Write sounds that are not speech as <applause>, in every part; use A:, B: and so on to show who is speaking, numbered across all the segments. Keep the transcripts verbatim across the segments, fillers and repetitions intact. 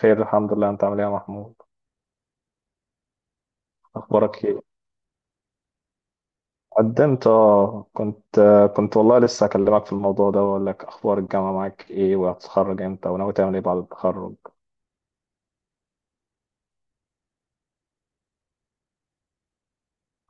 A: خير، الحمد لله. انت عامل ايه يا محمود؟ اخبارك ايه؟ قدمت، اه. كنت آه، كنت والله لسه اكلمك في الموضوع ده واقول لك اخبار الجامعه معاك ايه، وهتتخرج امتى، وناوي تعمل ايه بعد التخرج؟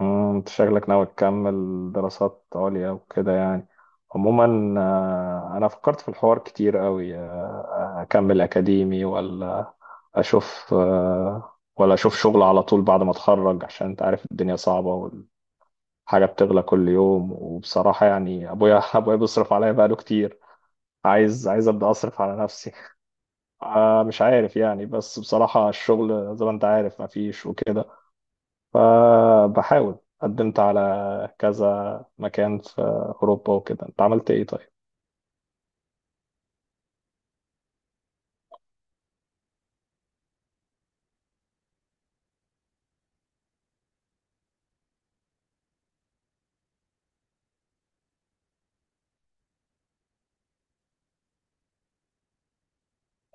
A: امم، انت شكلك ناوي تكمل دراسات عليا وكده يعني. عموما آه، انا فكرت في الحوار كتير قوي، آه، اكمل اكاديمي ولا اشوف آه، ولا اشوف شغل على طول بعد ما اتخرج، عشان انت عارف الدنيا صعبه، حاجة بتغلى كل يوم. وبصراحة يعني أبويا <laughs> أبويا بيصرف عليا بقاله كتير. عايز عايز أبدأ أصرف على نفسي. <laughs> آه مش عارف يعني، بس بصراحة الشغل زي ما أنت عارف مفيش وكده. فبحاول قدمت على كذا مكان في أوروبا وكده. أنت عملت إيه طيب؟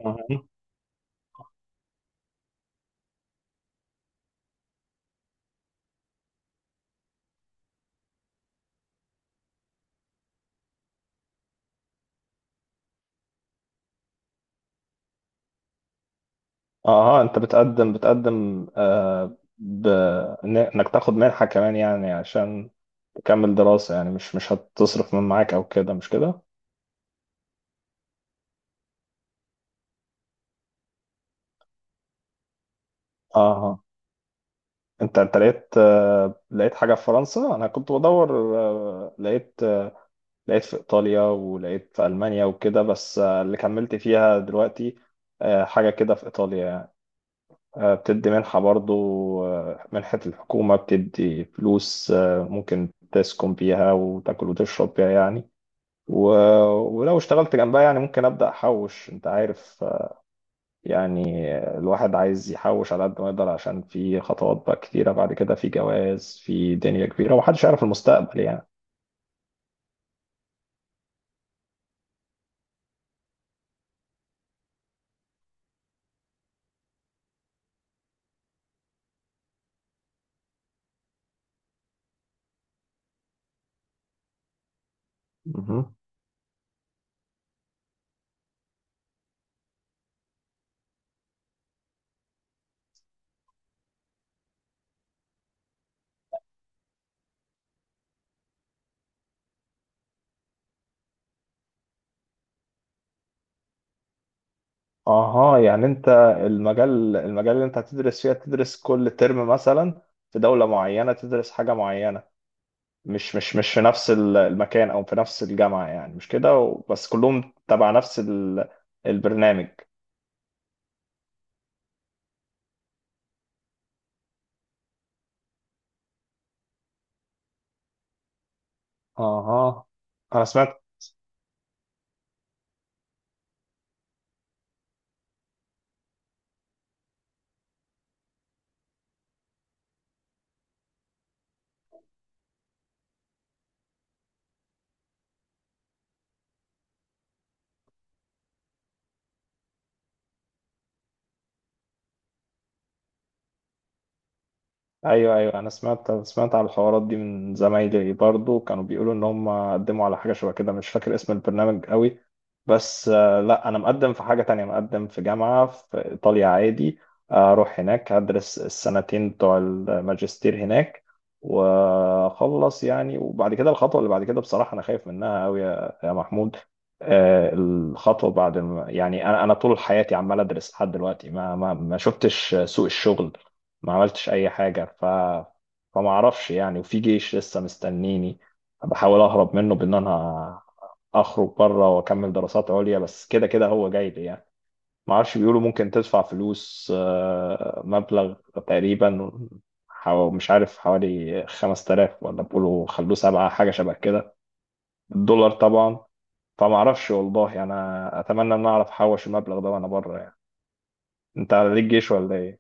A: أها أها. أنت بتقدم بتقدم آه ب... إن- إنك تاخد منحة كمان يعني، عشان تكمل دراسة يعني، مش مش هتصرف من معاك أو كده، مش كده؟ أها. انت انت لقيت آه، لقيت حاجة في فرنسا؟ انا كنت بدور، آه، لقيت آه، لقيت في ايطاليا، ولقيت في المانيا وكده، بس آه، اللي كملت فيها دلوقتي آه، حاجة كده في ايطاليا يعني. آه، بتدي منحة برضو، آه، منحة الحكومة بتدي فلوس، آه، ممكن تسكن بيها وتاكل وتشرب بيها يعني. و- ولو اشتغلت جنبها يعني ممكن ابدا احوش، انت عارف يعني. الواحد عايز يحوش على قد ما يقدر، عشان في خطوات بقى كتيرة بعد كده، في جواز، في دنيا كبيرة، ومحدش يعرف المستقبل يعني. مهم. اها يعني انت المجال المجال اللي انت هتدرس فيها تدرس كل ترم مثلا في دولة معينة، تدرس حاجة معينة، مش مش مش في نفس ال- المكان او في نفس الجامعة يعني، مش كده، و- بس كلهم تبع نفس ال- البرنامج. اها. انا سمعت. ايوه ايوه، انا سمعت سمعت على الحوارات دي من زمايلي برضو، كانوا بيقولوا ان هم قدموا على حاجه شبه كده، مش فاكر اسم البرنامج قوي، بس آه، لا، انا مقدم في حاجه تانية، مقدم في جامعه في ايطاليا عادي. آه، اروح هناك هدرس السنتين بتوع الماجستير هناك واخلص يعني. وبعد كده الخطوه اللي بعد كده بصراحه انا خايف منها قوي يا يا محمود. آه، الخطوه بعد الم... يعني انا انا طول حياتي عمال ادرس لحد دلوقتي، ما ما ما شفتش سوق الشغل، ما عملتش اي حاجه. ف فما اعرفش يعني. وفي جيش لسه مستنيني، بحاول اهرب منه بان انا اخرج بره واكمل دراسات عليا، بس كده كده هو جاي لي يعني. ما اعرفش، بيقولوا ممكن تدفع فلوس، آه، مبلغ تقريبا، حو... مش عارف حوالي خمسة آلاف، ولا بيقولوا خلوه سبعة، حاجه شبه كده. الدولار طبعا. فما اعرفش والله، انا اتمنى ان اعرف احوش المبلغ ده وانا بره يعني. انت ليك جيش ولا إيه؟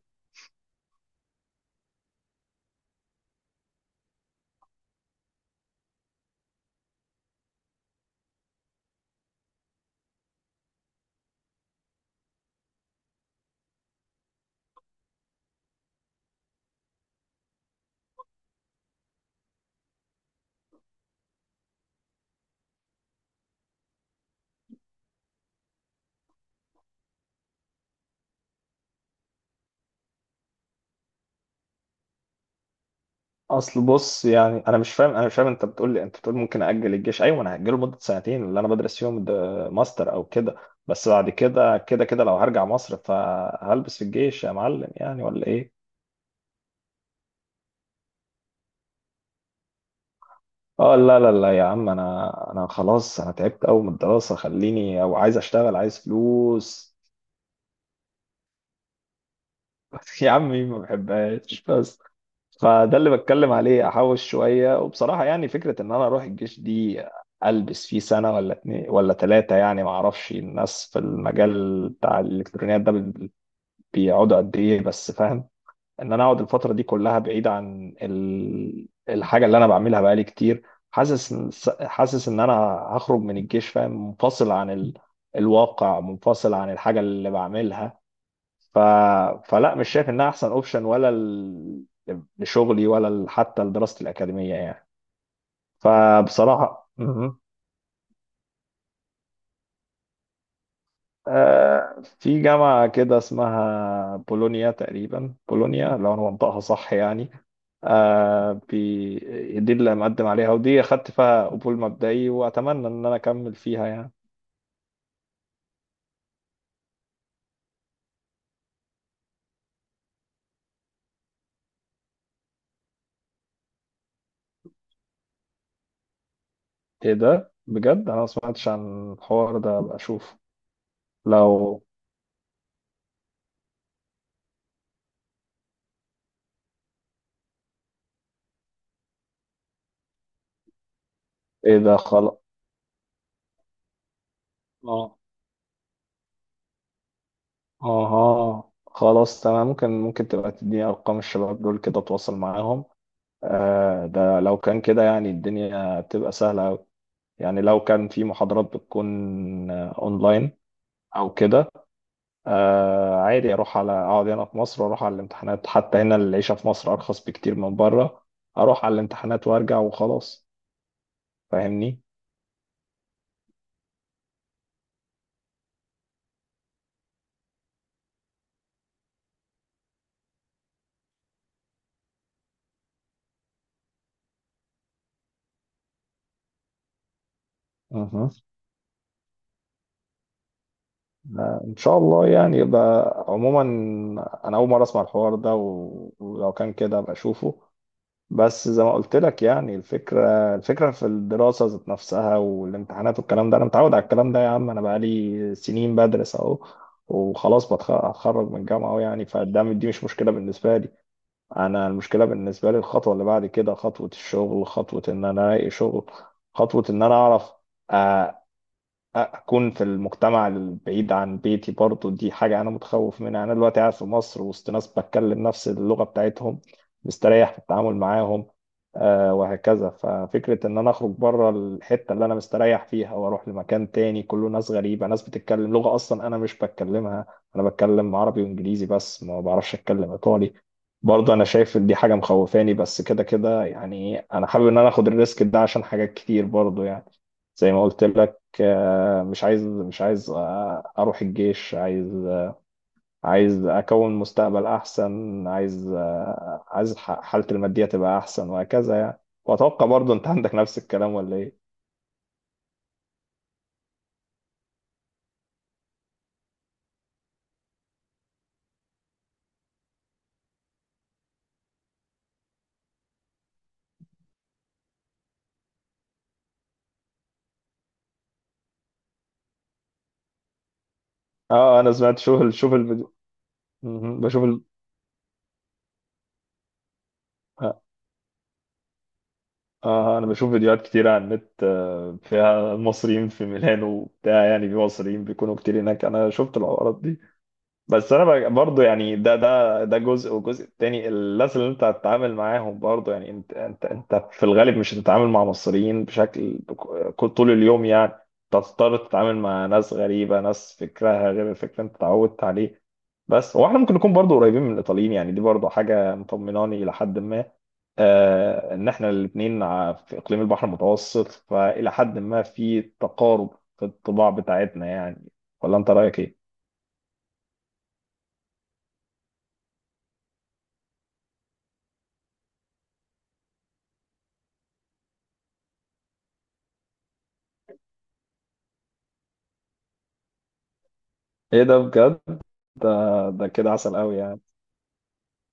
A: اصل بص يعني، انا مش فاهم، انا مش فاهم، انت بتقول لي، انت بتقول ممكن اجل الجيش، ايوه انا هاجله لمده سنتين اللي انا بدرس فيهم ده ماستر او كده، بس بعد كده كده كده لو هرجع مصر فهلبس في الجيش يا معلم يعني، ولا ايه؟ اه، لا لا لا يا عم، انا انا خلاص، انا تعبت قوي من الدراسه، خليني او عايز اشتغل، عايز فلوس. <laughs> يا عم، مين ما بحبهاش؟ بس فده اللي بتكلم عليه، احوش شويه. وبصراحه يعني فكره ان انا اروح الجيش دي، البس فيه سنه ولا اتنين ولا ثلاثه يعني، ما اعرفش الناس في المجال بتاع الالكترونيات ده بي- بيقعدوا قد ايه، بس فاهم ان انا اقعد الفتره دي كلها بعيد عن ال- الحاجه اللي انا بعملها بقالي كتير. حاسس حاسس ان انا هخرج من الجيش، فاهم، منفصل عن ال... الواقع، منفصل عن الحاجه اللي بعملها. ف... فلا، مش شايف انها احسن اوبشن، ولا لشغلي ولا ل- حتى لدراستي الأكاديمية يعني. فبصراحة مهم. آه، في جامعة كده اسمها بولونيا، تقريبا بولونيا لو أنا منطقها صح يعني، آه، بي- دي اللي مقدم عليها، ودي أخدت فيها قبول مبدئي وأتمنى إن أنا أكمل فيها يعني. إيه ده بجد؟ أنا ما سمعتش عن الحوار ده، أبقى أشوف. لو إيه ده؟ خلاص. آه آه آه، خلاص تمام. ممكن ممكن تبقى تديني أرقام الشباب دول كده أتواصل معاهم. آه، ده لو كان كده يعني الدنيا بتبقى سهلة أوي. يعني لو كان في محاضرات بتكون آه، أونلاين أو كده، آه، عادي أروح على، أقعد هنا في مصر وأروح على الامتحانات، حتى هنا العيشة في مصر أرخص بكتير من بره، أروح على الامتحانات وأرجع وخلاص. فاهمني؟ أها. آه، إن شاء الله يعني. يبقى عموما أنا أول مرة أسمع الحوار ده، و- ولو كان كده أبقى أشوفه. بس زي ما قلت لك يعني، الفكرة الفكرة في الدراسة ذات نفسها والامتحانات والكلام ده أنا متعود على الكلام ده يا عم، أنا بقالي سنين بدرس أهو، وخلاص بتخ- هتخرج من الجامعة أهو يعني، فده دي مش مشكلة بالنسبة لي. أنا المشكلة بالنسبة لي الخطوة اللي بعد كده، خطوة الشغل، خطوة إن أنا ألاقي شغل، خطوة إن أنا أعرف آه، اكون في المجتمع البعيد عن بيتي برضو، دي حاجه انا متخوف منها. انا دلوقتي قاعد في مصر وسط ناس بتكلم نفس اللغه بتاعتهم، مستريح في التعامل معاهم آه وهكذا. ففكره ان انا اخرج بره الحته اللي انا مستريح فيها واروح لمكان تاني كله ناس غريبه، ناس بتتكلم لغه اصلا انا مش بتكلمها، انا بتكلم عربي وانجليزي بس، ما بعرفش اتكلم ايطالي. برضه انا شايف ان دي حاجه مخوفاني، بس كده كده يعني انا حابب ان انا اخد الريسك ده عشان حاجات كتير برضه يعني. زي ما قلت لك، آه، مش عايز، مش عايز آه، اروح الجيش، عايز عايز اكون مستقبل احسن، عايز آه، عايز ح- حالتي الماديه تبقى احسن وهكذا يعني. واتوقع برضه انت عندك نفس الكلام، ولا ايه؟ اه. آه، انا سمعت. شوف ال- شوف الفيديو. مهم. بشوف ال... اه، آه، آه، انا بشوف فيديوهات كتير على النت، آه، فيها المصريين في ميلانو وبتاع يعني، في مصريين بيكونوا كتير هناك، انا شفت الحوارات دي. بس انا بقى- برضو يعني ده ده ده جزء، والجزء التاني الناس اللي انت هتتعامل معاهم برضو يعني، انت انت انت في الغالب مش هتتعامل مع مصريين بشكل ك- طول اليوم يعني، أنت هتضطر تتعامل مع ناس غريبة، ناس فكرها غير الفكر اللي انت اتعودت عليه. بس هو احنا ممكن نكون برضو قريبين من الايطاليين يعني، دي برضو حاجة مطمناني الى حد ما، آه ان احنا الاثنين في اقليم البحر المتوسط، فالى حد ما في تقارب في الطباع بتاعتنا يعني. ولا انت رايك ايه؟ ايه ده بجد؟ ده ده كده عسل قوي يعني.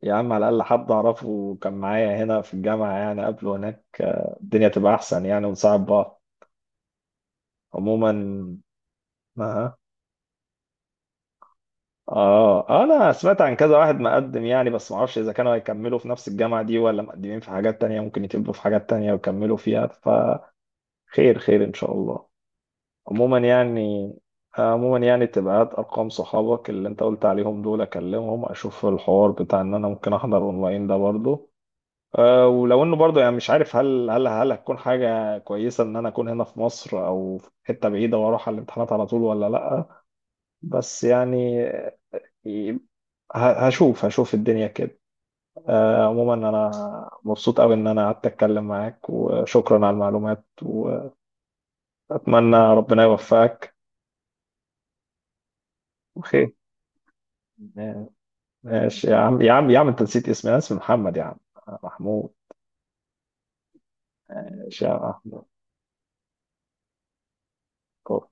A: يا عم على الأقل حد أعرفه كان معايا هنا في الجامعة يعني قبله هناك، آه، الدنيا تبقى أحسن يعني، ونساعد بعض. عموما آه آه أنا سمعت عن كذا واحد مقدم يعني، بس معرفش إذا كانوا هيكملوا في نفس الجامعة دي ولا مقدمين في حاجات تانية ممكن يتقبلوا في حاجات تانية ويكملوا فيها، فخير خير إن شاء الله. عموما يعني آه، عموما يعني تبقى هات أرقام صحابك اللي أنت قلت عليهم دول أكلمهم، أشوف الحوار بتاع إن أنا ممكن أحضر أونلاين ده برضه، أه. ولو انه برضه يعني مش عارف، هل هل هل هتكون حاجه كويسه ان انا اكون هنا في مصر او في حته بعيده واروح على الامتحانات على طول ولا لا. بس يعني ه- هشوف هشوف الدنيا كده. أه. عموما انا مبسوط قوي ان انا قعدت اتكلم معاك، وشكرا على المعلومات، واتمنى ربنا يوفقك وخير. ماشي يا عم، يا عم يا عم انت نسيت اسمي، انا اسمي محمد يا عم. محمود. ماشي يا محمود.